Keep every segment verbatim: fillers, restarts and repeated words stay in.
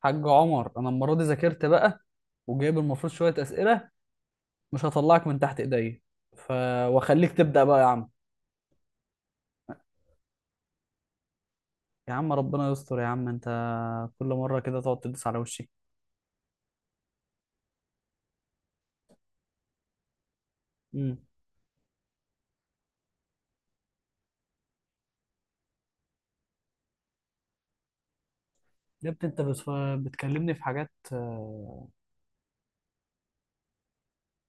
حاج عمر، انا المره دي ذاكرت بقى، وجايب المفروض شويه اسئله. مش هطلعك من تحت ايديا. ف، واخليك تبدا بقى يا عم. يا عم ربنا يستر، يا عم انت كل مره كده تقعد تدوس على وشي. امم يا ابني انت بس بتكلمني في حاجات، آه،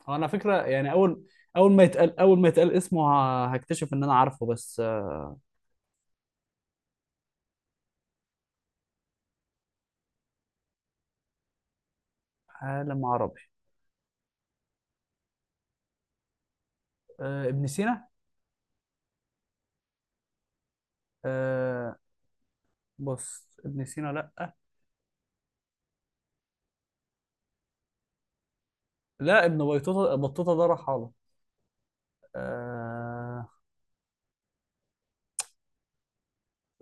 هو انا فكره؟ يعني اول اول ما يتقال اول ما يتقال اسمه، ه- هكتشف ان انا عارفه بس. آه، عالم عربي. آه، ابن سينا. آه، بص ابن سينا لا. لا، ابن بيتوتا، بطوطه ده رحاله. آه.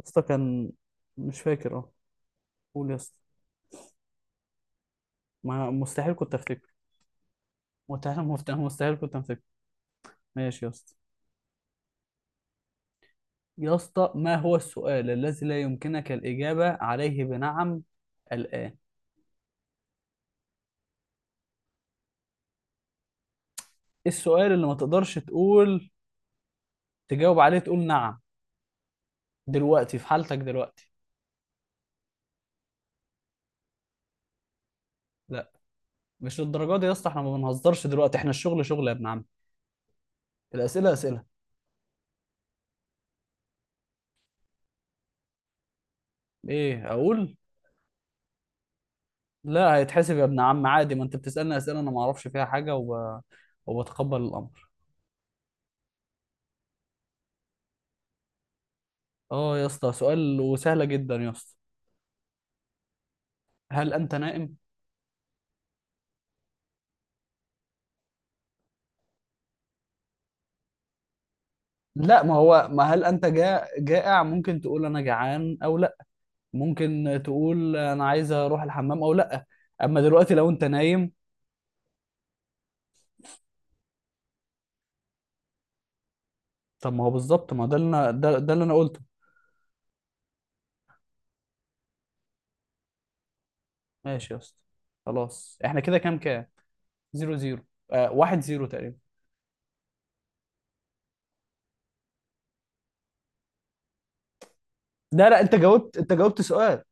اسطى كان... مش فاكر اه. قول يا اسطى. ما مستحيل كنت افتكر. مستحيل مفتاح، مستحيل كنت افتكر. ماشي يا اسطى. يا اسطى، ما هو السؤال الذي لا يمكنك الإجابة عليه بنعم الآن؟ إيه السؤال اللي ما تقدرش تقول... تجاوب عليه تقول نعم دلوقتي، في حالتك دلوقتي؟ لا، مش للدرجة دي يا اسطى، احنا ما بنهزرش دلوقتي، احنا الشغل شغل يا ابن عم. الأسئلة أسئلة، ايه اقول. لا، هيتحسب يا ابن عم عادي، ما انت بتسألني أسئلة انا ما اعرفش فيها حاجة وب... وبتقبل الأمر. اه يا اسطى، سؤال وسهلة جدا يا اسطى. هل انت نائم؟ لا، ما هو، ما هل انت جا... جائع؟ ممكن تقول انا جعان او لا، ممكن تقول انا عايز اروح الحمام او لا. اما دلوقتي لو انت نايم... طب ما هو بالظبط، ما ده اللي انا ده, ده اللي انا قلته. ماشي يا اسطى، خلاص احنا كده كام كام. زيرو زيرو. آه، واحد زيرو تقريبا. لا لا، انت جاوبت، انت جاوبت سؤال.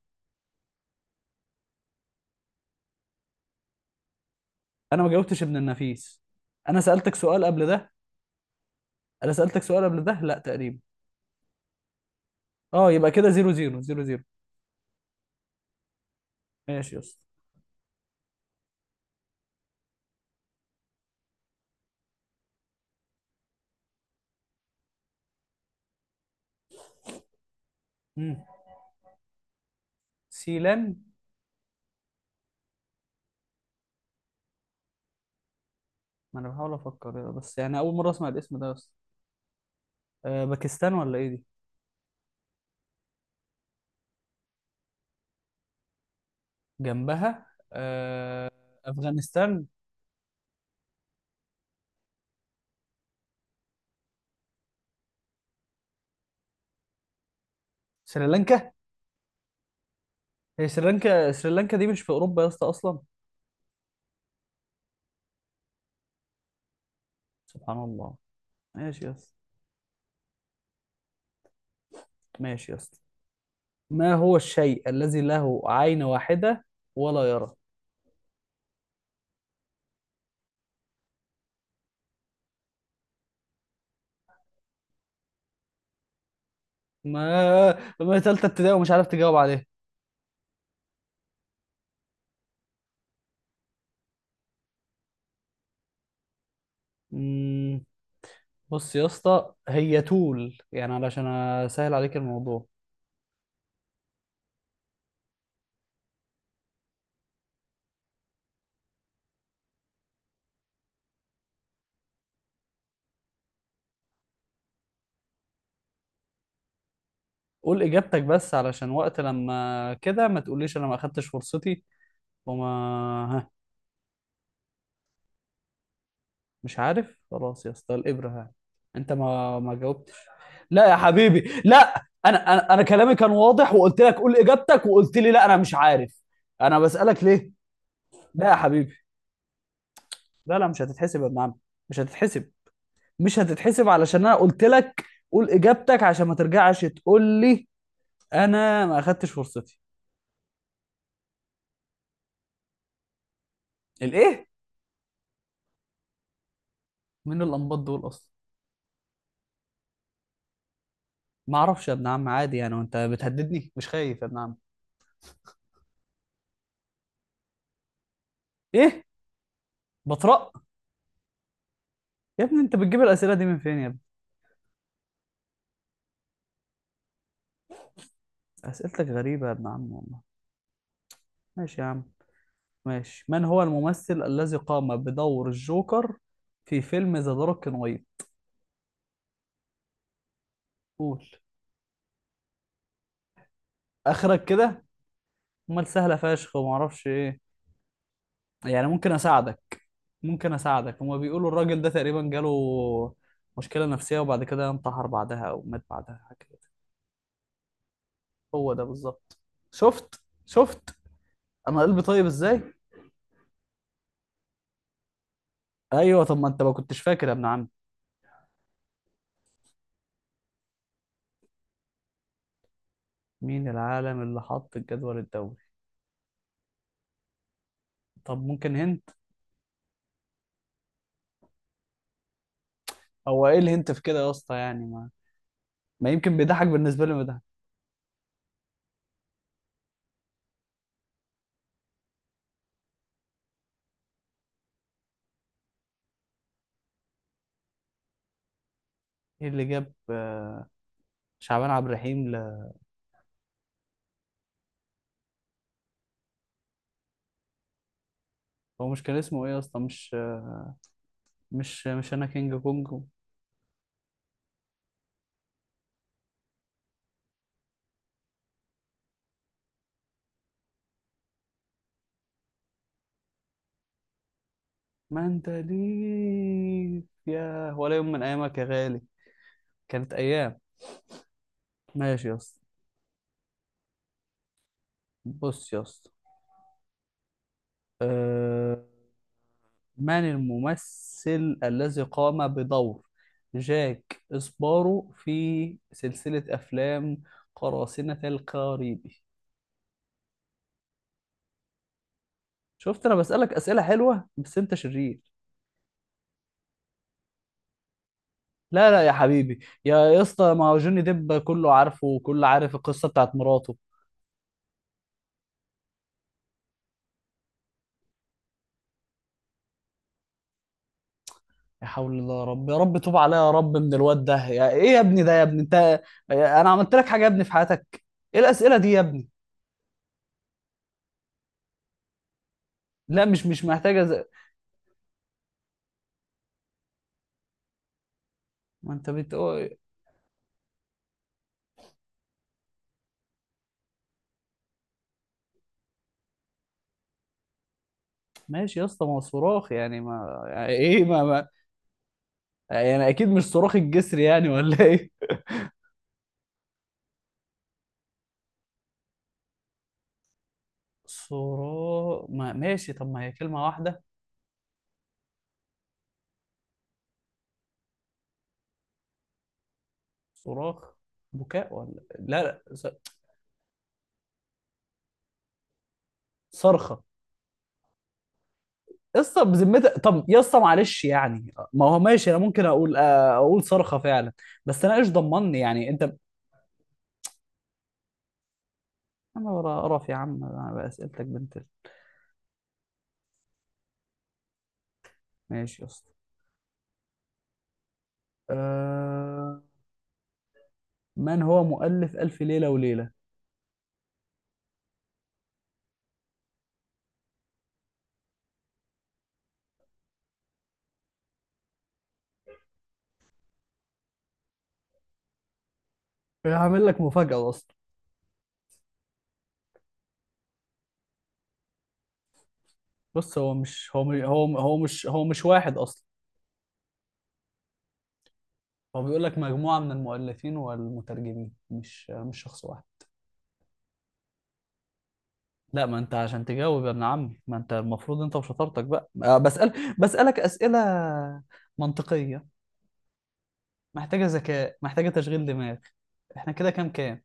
انا ما جاوبتش ابن النفيس. انا سألتك سؤال قبل ده. انا سألتك سؤال قبل ده، لا تقريبا. اه، يبقى كده زيرو زيرو، زيرو زيرو. ماشي يا اسطى. مم. سيلان. ما انا بحاول افكر، بس يعني اول مره اسمع الاسم ده بس. أه، باكستان ولا ايه دي؟ جنبها. أه. افغانستان. سريلانكا. هي سريلانكا؟ سريلانكا دي مش في اوروبا يا اسطى اصلا. سبحان الله. ماشي يا اسطى. ماشي يا اسطى، ما هو الشيء الذي له عين واحده ولا يرى؟ ما ما تالتة ابتدائي ومش عارف تجاوب عليها؟ مم، بص يا اسطى، هي تول يعني علشان اسهل عليك الموضوع. قول اجابتك بس، علشان وقت لما كده ما تقوليش انا ما اخدتش فرصتي وما... ها. مش عارف؟ خلاص يا اسطى، الابره. ها، انت ما ما جاوبتش. لا يا حبيبي، لا، انا انا انا كلامي كان واضح، وقلت لك قول اجابتك، وقلت لي لا انا مش عارف. انا بسالك ليه. لا يا حبيبي، لا لا، مش هتتحسب يا ابن عم. مش هتتحسب. مش هتتحسب علشان انا قلت لك قول اجابتك، عشان ما ترجعش تقول لي انا ما اخدتش فرصتي. الايه؟ من الانباط دول اصلا؟ ما اعرفش يا ابن عم عادي يعني، وانت بتهددني مش خايف يا ابن عم. ايه؟ بطرق. يا ابني انت بتجيب الاسئله دي من فين يا ابني؟ اسئلتك غريبه يا ابن عم والله. ماشي يا عم. ماشي، من هو الممثل الذي قام بدور الجوكر في فيلم ذا دارك نايت؟ قول. اخرك كده، امال سهله فشخ وما اعرفش ايه. يعني ممكن اساعدك؟ ممكن اساعدك، هما بيقولوا الراجل ده تقريبا جاله مشكله نفسيه، وبعد كده انتحر بعدها او مات بعدها، حاجه كده. هو ده بالظبط. شفت شفت، انا قلبي طيب ازاي. ايوه، طب ما انت ما كنتش فاكر يا ابن عم. مين العالم اللي حط الجدول الدوري؟ طب ممكن هنت. هو ايه الهنت في كده يا اسطى يعني، ما... ما يمكن بيضحك، بالنسبه لي بيضحك. ايه اللي جاب آه، شعبان عبد الرحيم ل... هو مش كان اسمه ايه يا اسطى، مش مش مش انا كينج كونج. ما انت ليك يا ولا يوم من ايامك يا غالي، كانت ايام. ماشي يا اسطى. بص يا اسطى، أه... من الممثل الذي قام بدور جاك إسبارو في سلسلة أفلام قراصنة الكاريبي؟ شفت، أنا بسألك أسئلة حلوة بس أنت شرير. لا لا يا حبيبي، يا يا اسطى، ما هو جوني ديب كله عارفه، وكله عارف القصة بتاعت مراته. يا حول الله يا رب، يا رب توب عليا يا رب من الواد ده، يا ايه يا ابني ده، يا ابني انت؟ انا عملت لك حاجه يا ابني في حياتك؟ ايه الاسئله دي يا ابني؟ لا، مش مش محتاجه زي... ما انت بتقول. ماشي يا اسطى، ما هو صراخ يعني، ما يعني ايه ما, ما. يعني اكيد مش صراخ الجسر يعني، ولا ايه؟ صراخ. ما، ماشي. طب ما هي كلمة واحدة. صراخ، بكاء، ولا لا لا، ص- صرخة. يا اسطى بذمتك، طب يا اسطى معلش، يعني ما هو ماشي انا ممكن اقول، آه، اقول صرخة فعلا. بس انا ايش ضمني يعني انت. انا ورا قرف يا عم انا بأسئلتك، بنت ال- ماشي يا اسطى. أه... من هو مؤلف ألف ليلة وليلة؟ هعمل لك مفاجأة يا اسطى. بص، هو مش هو مش هو هو مش هو مش واحد اصلا. هو بيقول لك مجموعه من المؤلفين والمترجمين، مش مش شخص واحد. لا، ما انت عشان تجاوب يا ابن عمي، ما انت المفروض انت وشطارتك بقى، آه، بسأل بسألك اسئله منطقيه، محتاجه ذكاء، محتاجه تشغيل دماغ. احنا كده كام كام.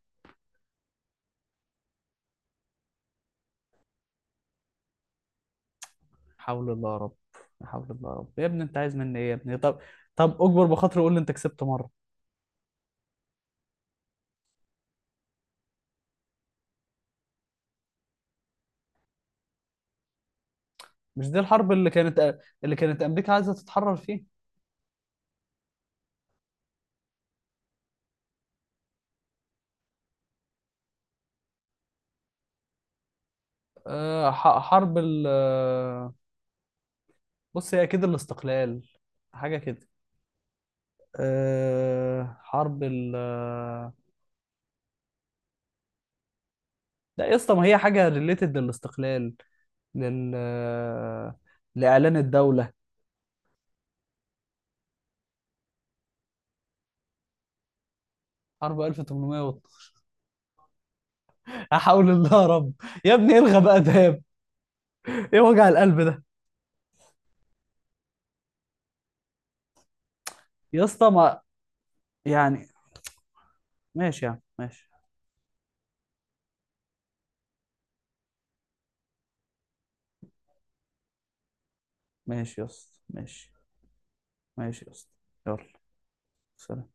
حول الله يا رب. لا حول الله يا رب، يا ابني انت عايز مني ايه يا ابني؟ طب، طب اكبر بخاطري قول لي انت كسبت مره. مش دي الحرب اللي كانت اللي كانت امريكا عايزه تتحرر فيها؟ آه، ح- حرب ال... بص هي اكيد الاستقلال، حاجه كده. أه حرب ال آه، لا يا اسطى، ما هي حاجه ريليتد للاستقلال، لل آه، لاعلان الدوله. حرب ألف وثمانمائة. احاول الله يا رب. يا ابني الغى بقى ده، ايه وجع القلب ده. يا اسطى ما... يعني. ماشي يا عم ماشي. ماشي يا اسطى ماشي. ماشي يا اسطى. يلا. سلام.